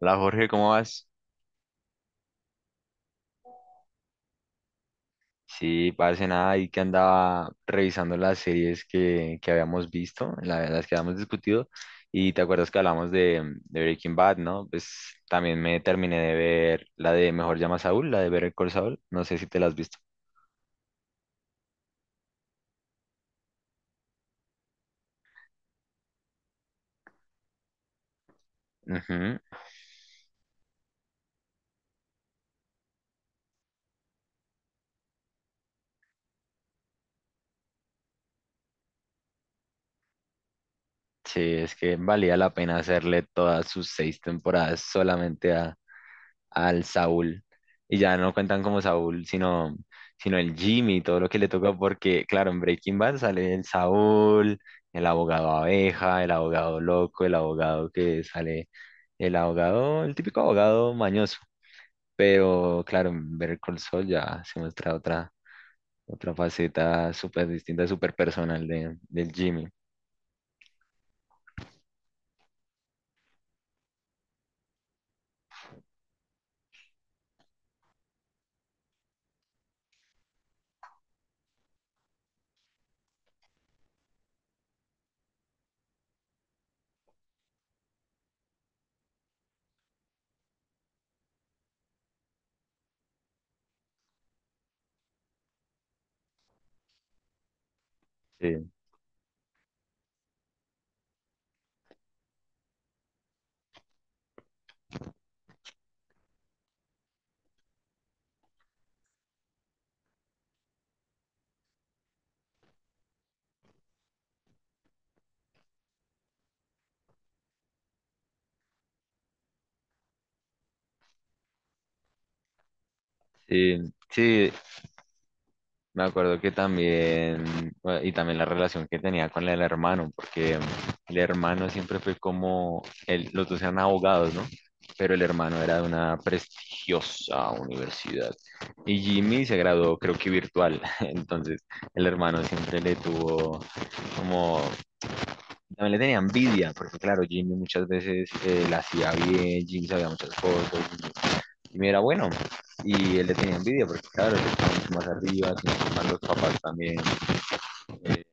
Hola Jorge, ¿cómo vas? Sí, parece nada ahí que andaba revisando las series que habíamos visto, las que habíamos discutido, y te acuerdas que hablamos de Breaking Bad, ¿no? Pues también me terminé de ver la de Mejor Llama a Saúl, la de Better Call Saul, no sé si te la has visto. Ujú. Sí, es que valía la pena hacerle todas sus seis temporadas solamente al Saúl. Y ya no cuentan como Saúl, sino el Jimmy y todo lo que le toca, porque, claro, en Breaking Bad sale el Saúl, el abogado abeja, el abogado loco, el abogado que sale, el abogado, el típico abogado mañoso. Pero, claro, en Better Call Saul ya se muestra otra faceta súper distinta, súper personal del Jimmy. Sí. Sí, sí, me acuerdo que también, bueno, y también la relación que tenía con el hermano, porque el hermano siempre fue como, los dos eran abogados, ¿no? Pero el hermano era de una prestigiosa universidad. Y Jimmy se graduó, creo que virtual. Entonces, el hermano siempre le tuvo como, también le tenía envidia, porque claro, Jimmy muchas veces la hacía bien, Jimmy sabía muchas cosas, y me era bueno. Y él le tenía envidia porque, claro, él estaba mucho más arriba, sino que más eh,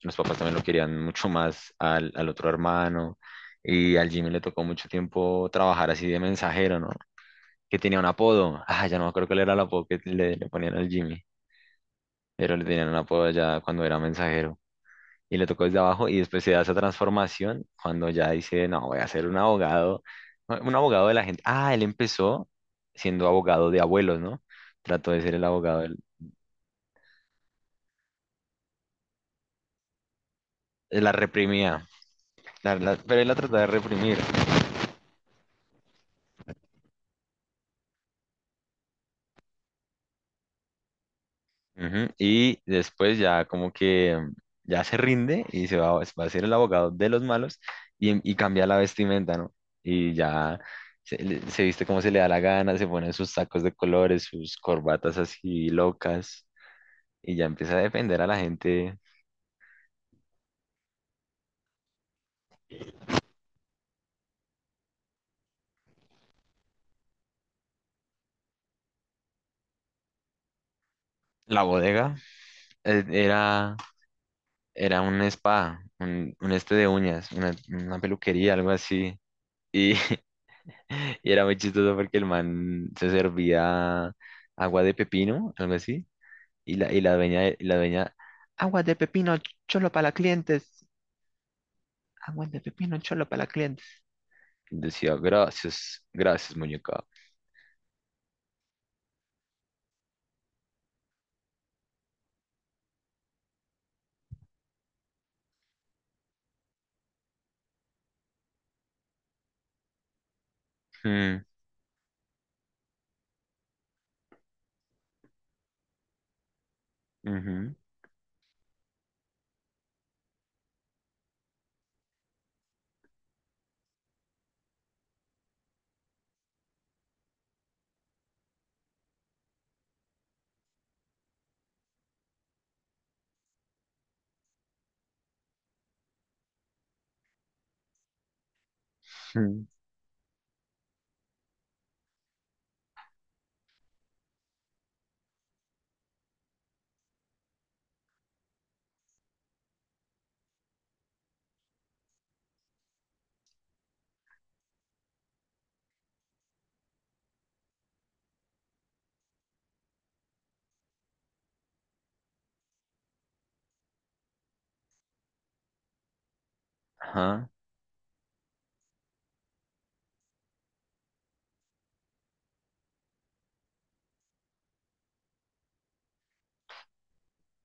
los papás también lo querían mucho más al otro hermano. Y al Jimmy le tocó mucho tiempo trabajar así de mensajero, ¿no? Que tenía un apodo. Ah, ya no me acuerdo cuál era el apodo que le ponían al Jimmy, pero le tenían un apodo ya cuando era mensajero. Y le tocó desde abajo y después se da esa transformación cuando ya dice, no, voy a ser un abogado de la gente. Ah, él empezó siendo abogado de abuelos, ¿no? Trató de ser el abogado, de la reprimía, pero él la trató de reprimir. Ujú. Y después ya como que ya se rinde y se va, va a ser el abogado de los malos y, y cambia la vestimenta, ¿no? Y ya se viste como se le da la gana, se pone sus sacos de colores, sus corbatas así locas, y ya empecé a defender a la gente. La bodega eh, era, era un spa, un este de uñas, una peluquería, algo así. Y y era muy chistoso porque el man se servía agua de pepino, algo así. Y la dueña, agua de pepino, cholo para las clientes. Agua de pepino, cholo para las clientes. Y decía, gracias, gracias, muñeca. Mm, ujú, mm, ajá".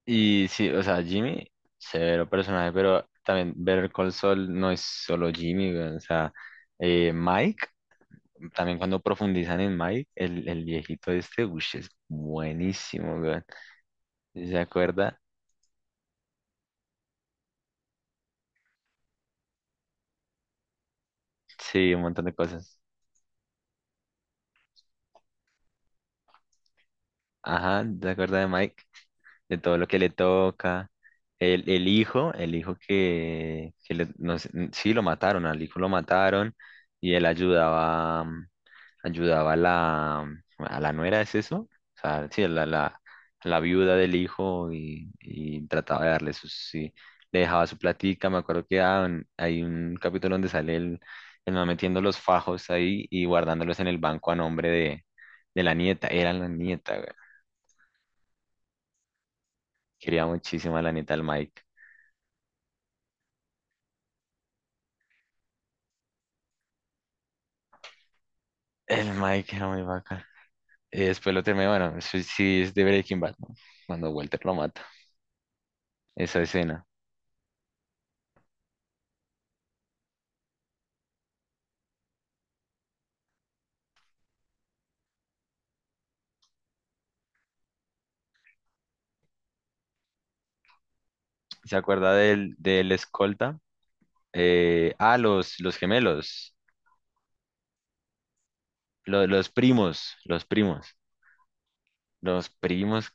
Y sí, o sea, Jimmy, severo personaje, pero también ver Call Saul no es solo Jimmy, weón. O sea, Mike, también cuando profundizan en Mike, el viejito este, uy, es buenísimo, weón. ¿Se acuerda? Sí, un montón de cosas. Ajá, ¿se acuerda de Mike? De todo lo que le toca. El hijo que no sé, sí, lo mataron, al hijo lo mataron y él ayudaba. Ayudaba a la nuera, ¿es eso? O sea, sí, a la, la, a la viuda del hijo y trataba de darle sus, sí, le dejaba su platica, me acuerdo que hay un capítulo donde sale el man metiendo los fajos ahí y guardándolos en el banco a nombre de la nieta, era la nieta, güey. Quería muchísimo a la nieta del Mike. El Mike era muy bacán. Y después lo terminé, bueno, eso sí es de Breaking Bad, ¿no? Cuando Walter lo mata, esa escena. ¿Se acuerda del, del escolta? Los gemelos, los primos, los primos, los primos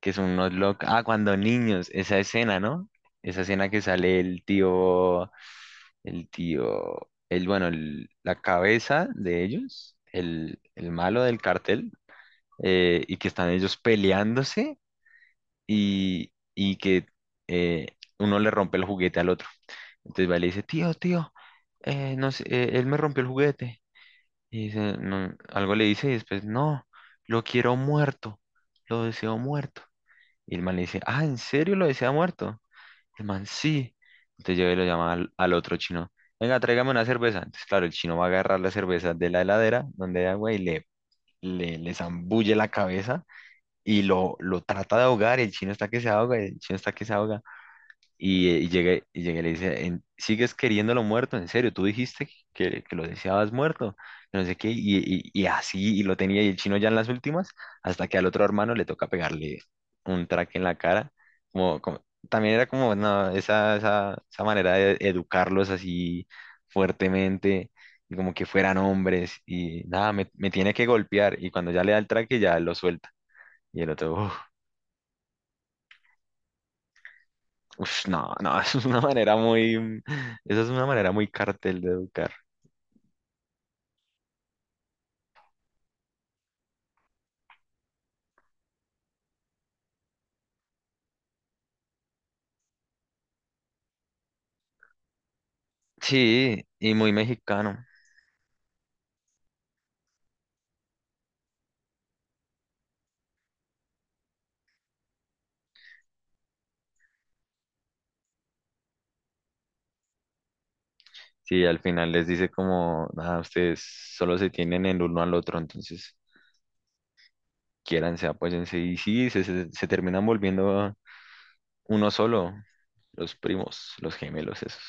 que son unos locos. Ah, cuando niños, esa escena, ¿no? Esa escena que sale el tío, el tío, el, bueno, la cabeza de ellos, el malo del cartel, y que están ellos peleándose y que eh, uno le rompe el juguete al otro. Entonces va y le dice, tío, tío, no sé, él me rompió el juguete. Y dice, no, algo le dice y después, no, lo quiero muerto, lo deseo muerto. Y el man le dice, ah, ¿en serio lo desea muerto? El man, sí. Entonces llega y lo llama al otro chino, venga, tráigame una cerveza. Entonces, claro, el chino va a agarrar la cerveza de la heladera donde hay agua y le zambulle la cabeza y lo trata de ahogar. Y el chino está que se ahoga, el chino está que se ahoga. Y, y llegué y le dice, ¿sigues queriéndolo muerto? ¿En serio? ¿Tú dijiste que lo deseabas muerto? Que no sé qué". Y, y así, y lo tenía, y el chino ya en las últimas, hasta que al otro hermano le toca pegarle un traque en la cara. Como, como- también era como, no, esa manera de educarlos así fuertemente, y como que fueran hombres. Y nada, me tiene que golpear. Y cuando ya le da el traque, ya lo suelta. Y el otro, uf, no, no, es una manera muy, esa es una manera muy cartel de educar. Sí, y muy mexicano. Sí, al final les dice como, nada, ustedes solo se tienen el uno al otro, entonces quiéranse, apóyense. Y sí, se terminan volviendo uno solo, los primos, los gemelos esos.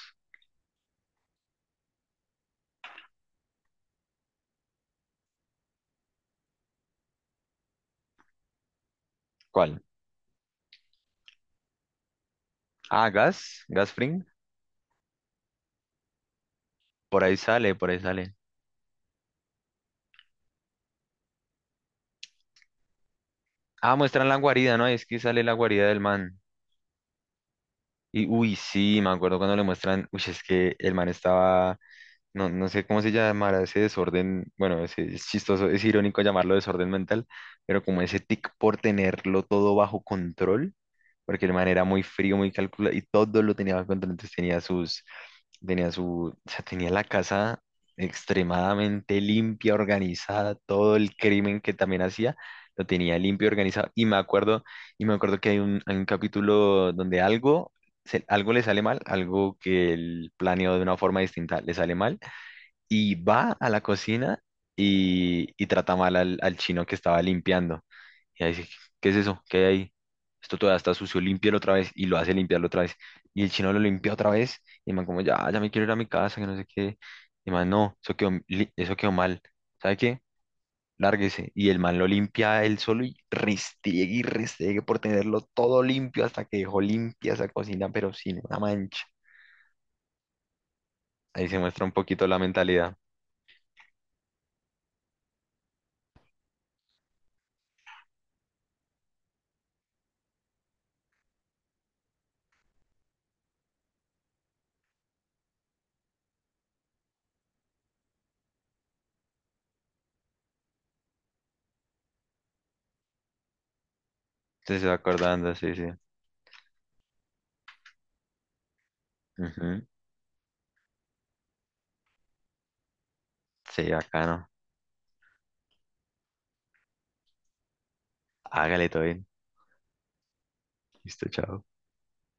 ¿Cuál? Ah, Gas, Gas Fring. Por ahí sale, por ahí sale. Ah, muestran la guarida, ¿no? Es que sale la guarida del man. Y uy, sí, me acuerdo cuando le muestran, uy, es que el man estaba. No, no sé cómo se llamará ese desorden, bueno, chistoso, es irónico llamarlo desorden mental, pero como ese tic por tenerlo todo bajo control, porque el man era muy frío, muy calculado y todo lo tenía bajo control, entonces tenía sus, tenía su, o sea, tenía la casa extremadamente limpia, organizada, todo el crimen que también hacía, lo tenía limpio, organizado, y me acuerdo que hay un capítulo donde algo, algo le sale mal, algo que él planeó de una forma distinta le sale mal y va a la cocina y trata mal al chino que estaba limpiando. Y ahí dice, ¿qué es eso? ¿Qué hay ahí? Esto todavía está sucio, límpialo otra vez. Y lo hace limpiarlo otra vez. Y el chino lo limpia otra vez. Y el man como, ya, ya me quiero ir a mi casa, que no sé qué. Y el man, no, eso quedó, eso quedó mal. ¿Sabe qué? Lárguese. Y el man lo limpia él solo y restiegue por tenerlo todo limpio hasta que dejó limpia esa cocina, pero sin una mancha. Ahí se muestra un poquito la mentalidad. Entonces se va acordando, sí, sí. Ujú. Sí, bacano. Hágale todo bien. Listo, chao.